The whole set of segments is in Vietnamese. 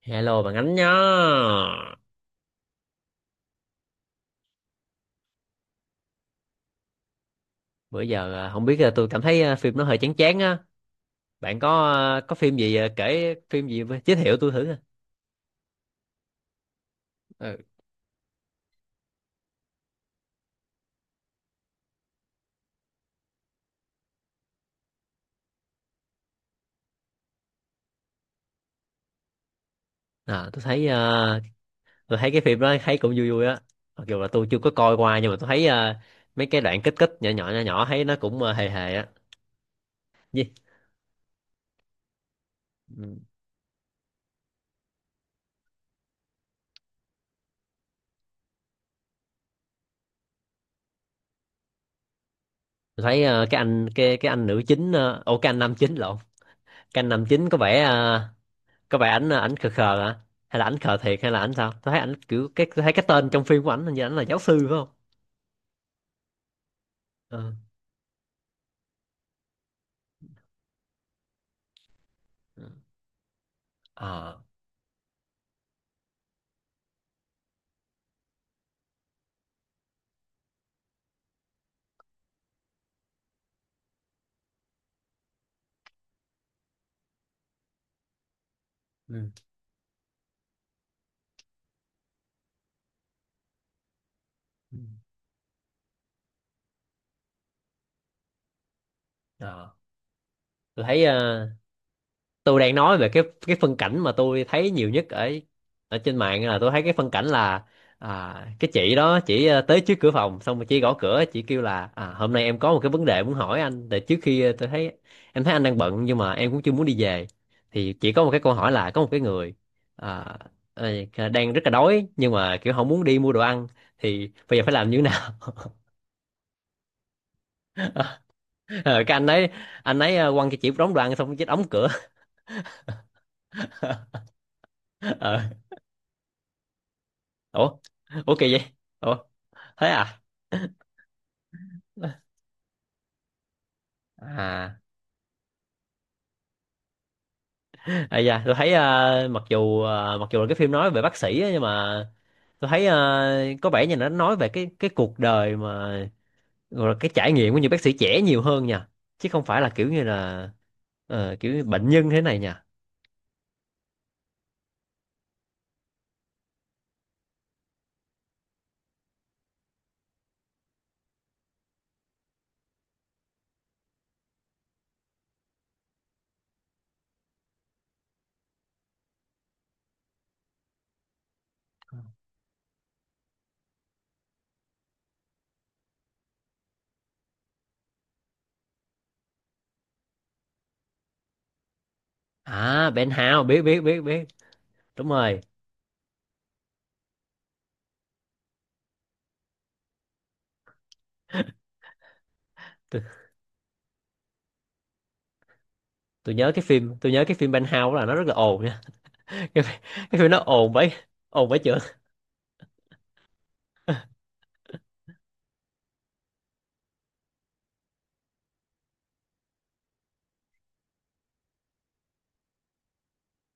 Hello bạn Ánh nhá. Bữa giờ, không biết à, tôi cảm thấy phim nó hơi chán chán á. Bạn có có phim gì, kể phim gì với- giới thiệu tôi thử coi. Ừ. À, tôi thấy cái phim đó thấy cũng vui vui á. Mặc dù là tôi chưa có coi qua nhưng mà tôi thấy mấy cái đoạn kích kích nhỏ nhỏ nhỏ nhỏ thấy nó cũng hề hề á. Gì? Ừ. Tôi thấy cái anh nữ chính ô cái anh nam chính lộn. Cái anh nam chính có vẻ ảnh ảnh khờ khờ hả, hay là ảnh khờ thiệt, hay là ảnh sao? Tôi thấy ảnh kiểu, tôi thấy cái tên trong phim của ảnh hình như ảnh là giáo sư phải không? Ờ, ờ, à. Ừ. Ừ. Ờ. tôi thấy ờ, tôi đang nói về cái phân cảnh mà tôi thấy nhiều nhất ở ở trên mạng, là tôi thấy cái phân cảnh là cái chị đó chỉ, tới trước cửa phòng xong rồi chị gõ cửa chị kêu là, hôm nay em có một cái vấn đề muốn hỏi anh, để trước khi, ờ, tôi thấy em thấy anh đang bận nhưng mà em cũng chưa muốn đi về, thì chỉ có một cái câu hỏi là có một cái người, à, ờ, đang rất là đói nhưng mà kiểu không muốn đi mua đồ ăn, thì bây giờ phải làm như thế nào? Ờ, cái anh ấy quăng cho chị đóng đồ ăn xong chết đóng cửa. Ờ. Ủa, kỳ vậy. Ủa? Thế à? À, à, dạ, tôi thấy, mặc dù là cái phim nói về bác sĩ á, nhưng mà tôi thấy, có vẻ như nó nói về cái cuộc đời mà rồi là cái trải nghiệm của những bác sĩ trẻ nhiều hơn nha, chứ không phải là kiểu như bệnh nhân thế này nha. À, Ben Hao, biết, biết, biết, biết, đúng rồi. Tôi, tôi nhớ cái phim tôi nhớ cái phim Ben Hao là nó rất là ồn nha. cái, phim- cái phim nó ồn bấy, ồn bấy chữ.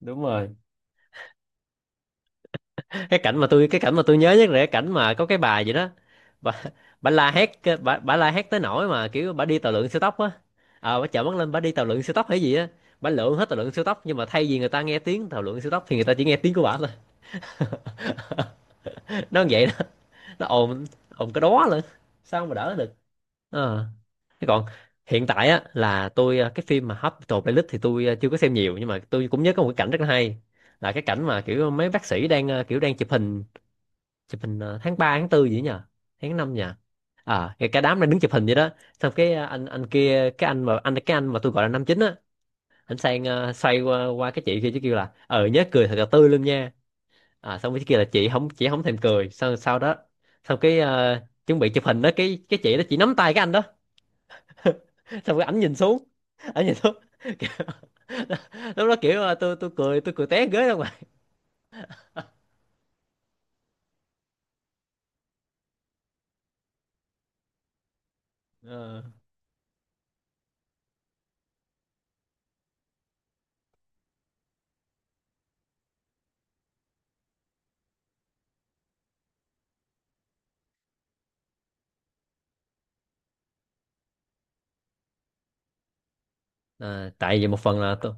Đúng rồi. Cái cảnh mà tôi nhớ nhất là cái cảnh mà có cái bà gì đó, bà, la hét, bà la hét tới nỗi mà kiểu bà đi tàu lượn siêu tốc á. Bà chợt mắt lên, bà đi tàu lượn siêu tốc hay gì á. Bà lượn hết tàu lượn siêu tốc, nhưng mà thay vì người ta nghe tiếng tàu lượn siêu tốc thì người ta chỉ nghe tiếng của bà thôi. Nó vậy đó. Nó ồn, ồn cái đó lên sao mà đỡ được. Ờ, thế còn hiện tại á, cái phim mà Hospital Playlist thì tôi, chưa có xem nhiều, nhưng mà tôi cũng nhớ có một cái cảnh rất là hay, là cái cảnh mà kiểu mấy bác sĩ đang ờ, kiểu đang chụp hình, tháng 3, tháng 4 gì nhỉ, tháng 5 nhỉ? À, cái đám đang đứng chụp hình vậy đó. Xong cái anh kia cái anh mà anh cái anh mà tôi gọi là 59 á. Xoay qua cái chị kia chứ, kêu là, nhớ cười thật là tươi luôn nha. À, xong cái kia là chị không thèm cười, sau sau đó xong cái, chuẩn bị chụp hình đó, cái chị đó chị nắm tay cái anh đó. Xong cái ảnh nhìn xuống, ảnh nhìn xuống. Lúc đó kiểu, tôi cười té ghế luôn mà. Ờ. À, tại vì một phần là tôi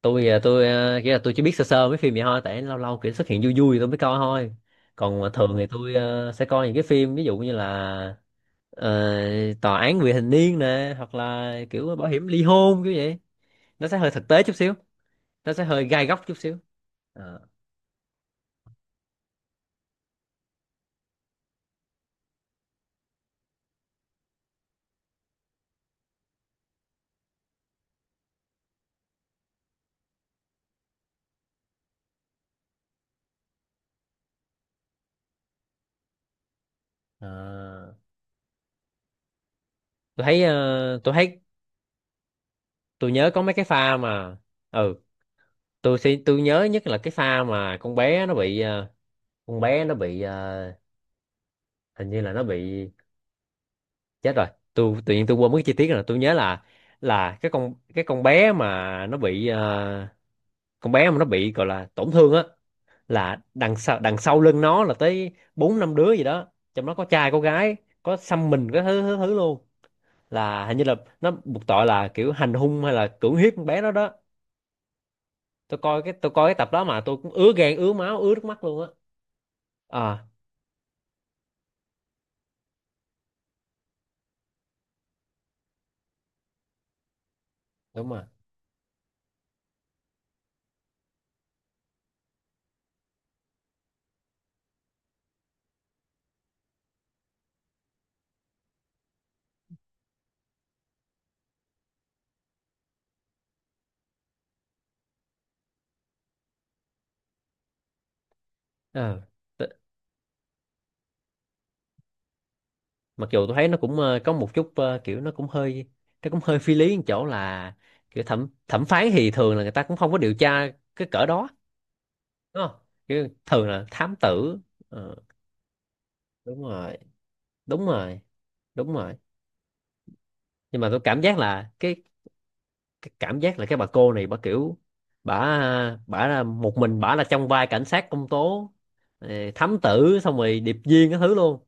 tôi à, tôi à, nghĩa là tôi chỉ biết sơ sơ mấy phim vậy thôi, tại lâu lâu kiểu xuất hiện vui vui tôi mới coi thôi. Còn mà thường thì tôi, sẽ coi những cái phim ví dụ như là, ờ, tòa án vì hình niên nè, hoặc là kiểu bảo hiểm ly hôn kiểu vậy. Nó sẽ hơi thực tế chút xíu, nó sẽ hơi gai góc chút xíu. Ờ. Ờ. tôi thấy ờ, tôi thấy tôi nhớ có mấy cái pha mà, ừ, tôi nhớ nhất là cái pha mà con bé nó bị ờ, con bé nó bị ờ, hình như là nó bị chết rồi. Tôi tự nhiên quên mất cái chi tiết rồi. Tôi nhớ là cái con bé mà nó bị gọi là tổn thương á, là đằng sau lưng nó là tới bốn năm đứa gì đó, trong đó có trai có gái, có xăm mình cái thứ thứ thứ luôn, là hình như là nó buộc tội là kiểu hành hung hay là cưỡng hiếp con bé đó đó. Tôi coi cái tập đó mà tôi cũng ứa gan ứa máu ứa nước mắt luôn á. À, đúng rồi. Ờ. Mặc dù tôi thấy nó cũng, có một chút, kiểu nó cũng hơi phi lý ở chỗ là, kiểu thẩm thẩm phán thì thường là người ta cũng không có điều tra cái cỡ đó, đúng không? Kiểu thường là thám tử. Ờ. Đúng rồi, đúng rồi, đúng rồi. Nhưng mà tôi cảm giác là cái cảm giác là cái bà cô này bà kiểu, bả bả là một mình bả, là trong vai cảnh sát, công tố, thám tử, xong rồi điệp viên cái thứ luôn.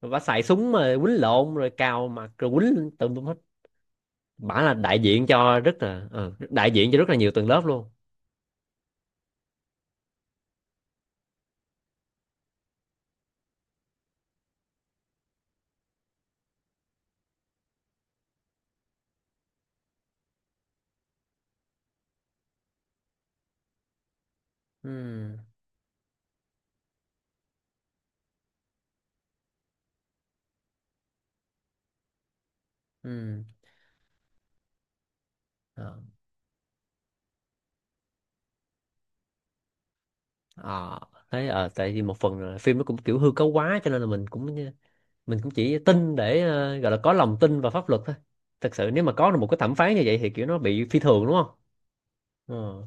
Rồi bả xài súng mà quýnh lộn rồi cào mặt rồi quýnh tùm lum hết. Bả là đại diện cho rất là, nhiều tầng lớp luôn. Ừ, ừ, ờ. Ờ, thế, tại vì một phần là phim nó cũng kiểu hư cấu quá cho nên là mình cũng chỉ tin để, gọi là có lòng tin vào pháp luật thôi. Thật sự nếu mà có được một cái thẩm phán như vậy thì kiểu nó bị phi thường, đúng không? Ừ.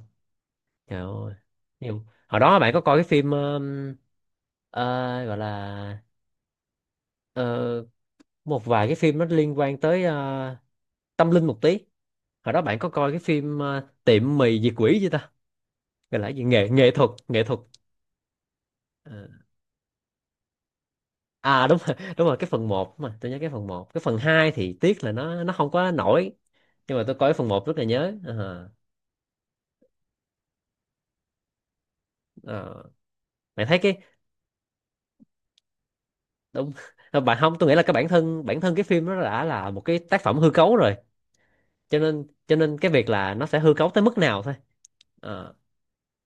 Trời ơi. Nhiều hồi đó bạn có coi cái phim, ờ, gọi là, ờ, một vài cái phim nó liên quan tới, tâm linh một tí, hồi đó bạn có coi cái phim, tiệm mì diệt quỷ chưa ta? Gọi là cái gì, nghệ nghệ thuật nghệ thuật. Ờ. À, đúng rồi, đúng rồi, cái phần một, cái phần 2 thì tiếc là nó không quá nổi, nhưng mà tôi coi cái phần một rất là nhớ. Ờ. Ờ. bạn thấy cái Đúng. bạn không Tôi nghĩ là cái bản thân cái phim nó đã là một cái tác phẩm hư cấu rồi, cho nên cái việc là nó sẽ hư cấu tới mức nào thôi. Ờ.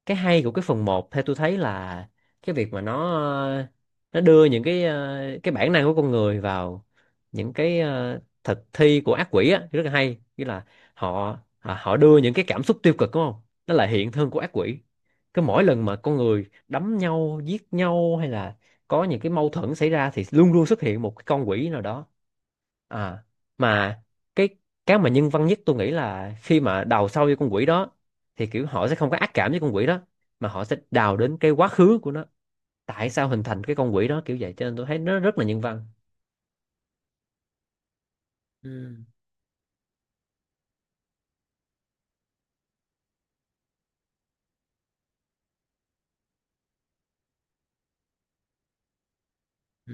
Cái hay của cái phần một theo tôi thấy là cái việc mà ờ, nó đưa những cái, cái bản năng của con người vào những cái, thực thi của ác quỷ á, rất là hay. Nghĩa là họ họ họ đưa những cái cảm xúc tiêu cực, đúng không, nó là hiện thân của ác quỷ. Cứ mỗi lần mà con người đấm nhau giết nhau, hay là có những cái mâu thuẫn xảy ra thì luôn luôn xuất hiện một cái con quỷ nào đó. À, mà cái cái mà nhân văn nhất tôi nghĩ là khi mà đào sâu vô con quỷ đó thì kiểu họ sẽ không có ác cảm với con quỷ đó, mà họ sẽ đào đến cái quá khứ của nó, tại sao hình thành cái con quỷ đó kiểu vậy, cho nên tôi thấy nó rất là nhân văn. Ừ. Ừ.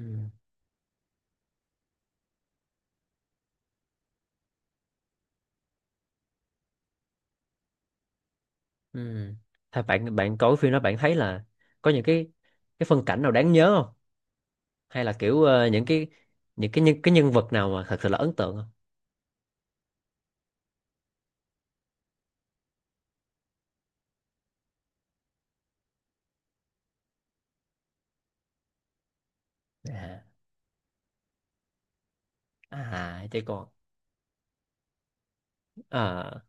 Ừ. Thôi, bạn bạn coi phim đó bạn thấy là có những cái phân cảnh nào đáng nhớ không, hay là kiểu, những cái, nhân vật nào mà thật sự là ấn tượng không? À. À. Chứ còn, à,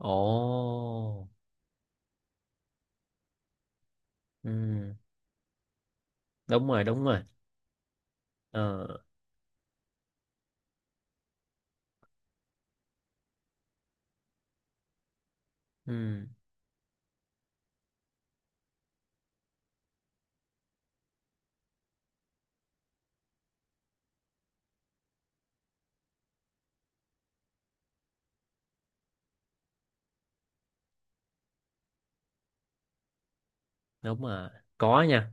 ồ, ừ, đúng rồi, đúng rồi, ờ, ừ, đúng rồi. Có nha.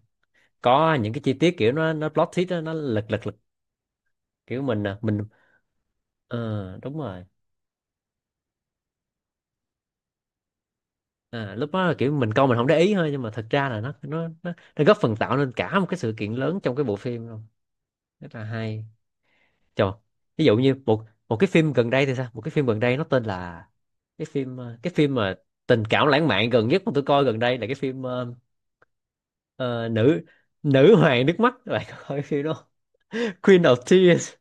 Có những cái chi tiết kiểu nó plot twist đó, nó lật lật. Kiểu mình, đúng rồi. À, lúc đó là kiểu mình coi mình không để ý thôi, nhưng mà thật ra là nó góp phần tạo nên cả một cái sự kiện lớn trong cái bộ phim luôn, rất là hay. Trời, ví dụ như một một cái phim gần đây thì sao, một cái phim gần đây nó tên là, cái phim mà tình cảm lãng mạn gần nhất mà tôi coi gần đây là cái phim ờ, nữ nữ hoàng nước mắt, các bạn có coi cái phim đó không? Queen of Tears.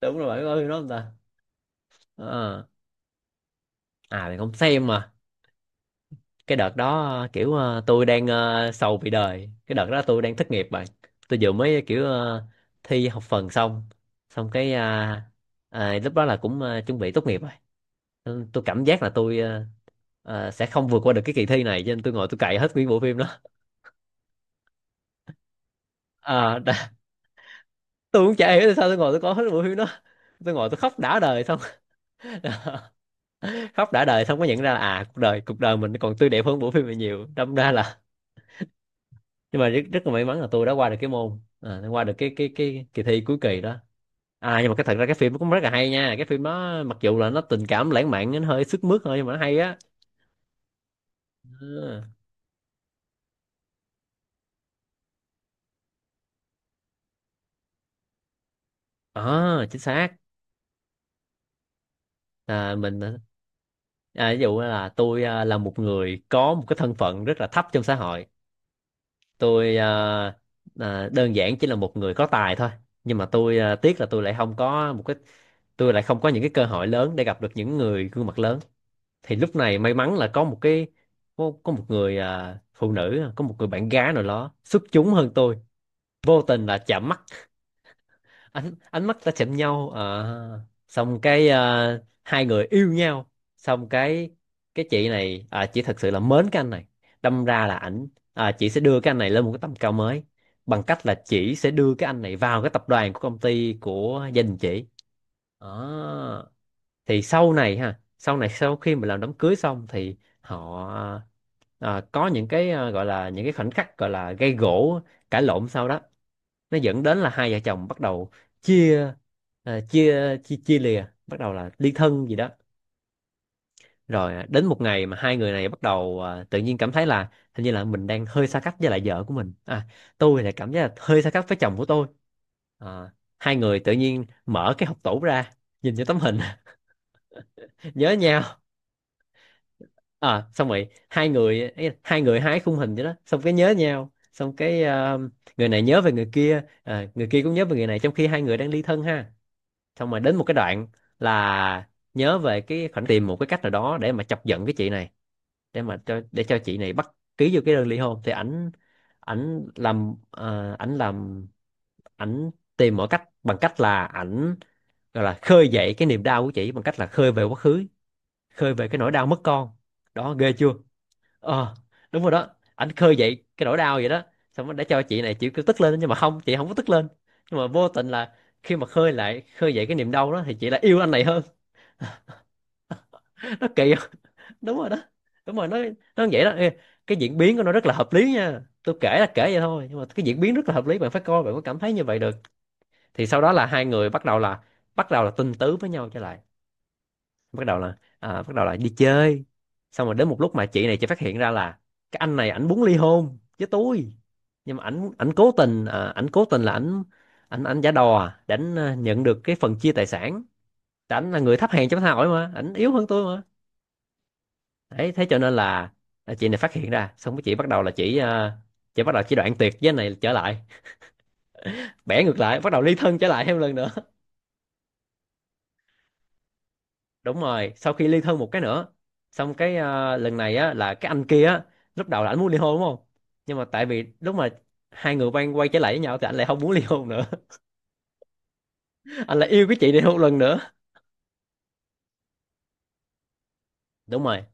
Đúng rồi, bạn coi phim đó không ta? Ờ. À, bạn không xem mà. Cái đợt đó, kiểu, tôi đang sầu vì đời. Cái đợt đó tôi đang thất nghiệp bạn. Tôi vừa mới kiểu thi học phần xong. Xong cái, lúc đó là cũng chuẩn bị tốt nghiệp rồi. Nên tôi cảm giác là tôi sẽ không vượt qua được cái kỳ thi này, cho nên tôi ngồi tôi cày hết nguyên bộ phim đó. Ờ, đã- tôi cũng chả hiểu tại sao tôi ngồi tôi coi hết bộ phim đó. Tôi ngồi tôi khóc đã đời xong. Khóc đã đời xong mới nhận ra là à, cuộc đời mình còn tươi đẹp hơn bộ phim này nhiều, đâm ra là nhưng mà rất, rất là may mắn là tôi đã qua được cái môn, à, qua được cái kỳ thi cuối kỳ đó. À, nhưng mà cái thật ra cái phim nó cũng rất là hay nha, cái phim nó mặc dù là nó tình cảm lãng mạn nó hơi sức mướt thôi nhưng mà nó hay á. À, à, chính xác. Là mình, ví dụ là tôi, là một người có một cái thân phận rất là thấp trong xã hội. Tôi, đơn giản chỉ là một người có tài thôi, nhưng mà tôi, à, tiếc là tôi lại không có một cái, tôi lại không có những cái cơ hội lớn để gặp được những người gương mặt lớn. Thì lúc này may mắn là có một cái, có một người, à, phụ nữ, có một người bạn gái nào đó xuất chúng hơn tôi. Vô tình là chạm mắt, ánh ánh mắt đã chạm nhau. Ờ. Xong cái à, hai người yêu nhau. Xong cái chị này à, chị thật sự là mến cái anh này, đâm ra là ảnh, à, chị sẽ đưa cái anh này lên một cái tầm cao mới, bằng cách là chị sẽ đưa cái anh này vào cái tập đoàn, của công ty của gia đình chị. Đó. Thì sau này ha, sau này sau khi mà làm đám cưới xong thì họ, à, có những cái, à, gọi là những cái khoảnh khắc gọi là gây gổ, cãi lộn. Sau đó nó dẫn đến là hai vợ chồng bắt đầu chia, à, chia chia chia lìa, bắt đầu là ly thân gì đó. Rồi, à, đến một ngày mà hai người này bắt đầu, à, tự nhiên cảm thấy là hình như là mình đang hơi xa cách với lại vợ của mình, à, tôi lại cảm giác là hơi xa cách với chồng của tôi. À, hai người tự nhiên mở cái hộp tủ ra, nhìn cho tấm hình, nhớ nhau. À, xong rồi hai người hái khung hình vậy đó, xong cái nhớ nhau, xong cái, người này nhớ về người kia, à, người kia cũng nhớ về người này, trong khi hai người đang ly thân ha. Xong rồi đến một cái đoạn là nhớ về cái khoản tìm một cái cách nào đó để mà chọc giận cái chị này, để mà cho để cho chị này bắt ký vô cái đơn ly hôn. Thì ảnh, ảnh làm, ảnh tìm mọi cách, bằng cách là ảnh gọi là khơi dậy cái niềm đau của chị bằng cách là khơi về quá khứ, khơi về cái nỗi đau mất con. Đó, ghê chưa. Ờ, đúng rồi đó, ảnh khơi dậy cái nỗi đau vậy đó. Xong rồi để cho chị này chịu cứ tức lên, nhưng mà không, chị không có tức lên, nhưng mà vô tình là khi mà khơi dậy cái niềm đau đó thì chị lại yêu anh này hơn. Nó kỳ không? Đúng rồi đó, đúng rồi nó vậy đó. Ê, cái diễn biến của nó rất là hợp lý nha, tôi kể là kể vậy thôi nhưng mà cái diễn biến rất là hợp lý, bạn phải coi bạn mới cảm thấy như vậy được. Thì sau đó là hai người bắt đầu là, tình tứ với nhau trở lại, bắt đầu là đi chơi. Xong rồi đến một lúc mà chị này chị phát hiện ra là cái anh này ảnh muốn ly hôn với tôi, nhưng mà ảnh ảnh cố tình, à, ảnh cố tình là ảnh ảnh ảnh giả đò, à, để ảnh, à, nhận được cái phần chia tài sản. Tại ảnh là người thấp hèn trong xã hội mà, ảnh yếu hơn tôi mà. Đấy thế cho nên là, à, chị này phát hiện ra, xong cái chị bắt đầu chị đoạn tuyệt với anh này trở lại, bẻ ngược lại, bắt đầu ly thân trở lại thêm lần nữa. Đúng rồi, sau khi ly thân một cái nữa, xong cái, lần này á là cái anh kia á, lúc đầu là anh muốn ly hôn đúng không, nhưng mà tại vì lúc mà hai người quay quay trở lại với nhau thì anh lại không muốn ly hôn nữa. Anh lại yêu cái chị này một lần nữa. Đúng rồi,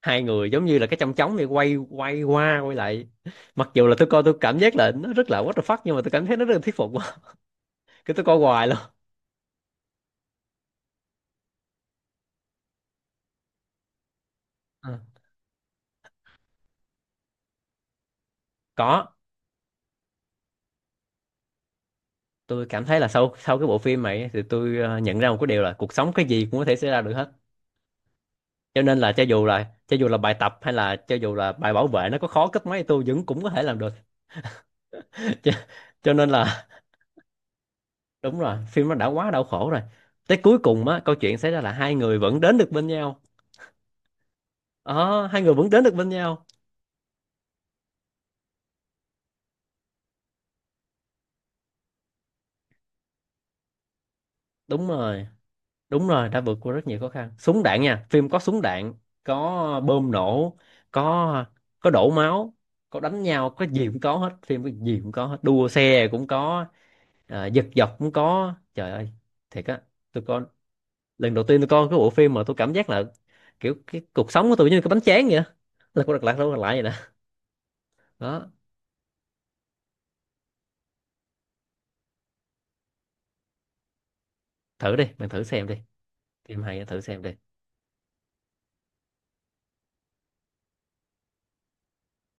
hai người giống như là cái chong chóng này quay quay qua quay lại. Mặc dù là tôi coi tôi cảm giác là nó rất là what the fuck, nhưng mà tôi cảm thấy nó rất là thuyết phục quá. Cái tôi coi hoài luôn. Ờ. Có, tôi cảm thấy là sau sau cái bộ phim này thì tôi nhận ra một cái điều là cuộc sống cái gì cũng có thể xảy ra được hết, cho nên là cho dù là bài tập hay là cho dù là bài bảo vệ nó có khó cấp mấy thì tôi vẫn cũng có thể làm được. cho, cho nên là đúng rồi, phim nó đã quá đau khổ rồi. Tới cuối cùng á, câu chuyện xảy ra là hai người vẫn đến được bên nhau. Ờ Hai người vẫn đến được bên nhau. Đúng rồi, đúng rồi, đã vượt qua rất nhiều khó khăn, súng đạn nha, phim có súng đạn, có bơm nổ, có có đổ máu, có đánh nhau, có gì cũng có hết. Phim có gì cũng có hết, đua xe cũng có, à, giật dọc cũng có, trời ơi, thiệt á. Tôi có Lần đầu tiên tôi coi cái bộ phim mà tôi cảm giác là kiểu cái cuộc sống của tôi như cái bánh tráng vậy á, là cô đặt lại đâu đặt lại vậy nè. Đó. Thử đi bạn, thử xem đi, phim hay á, thử xem đi.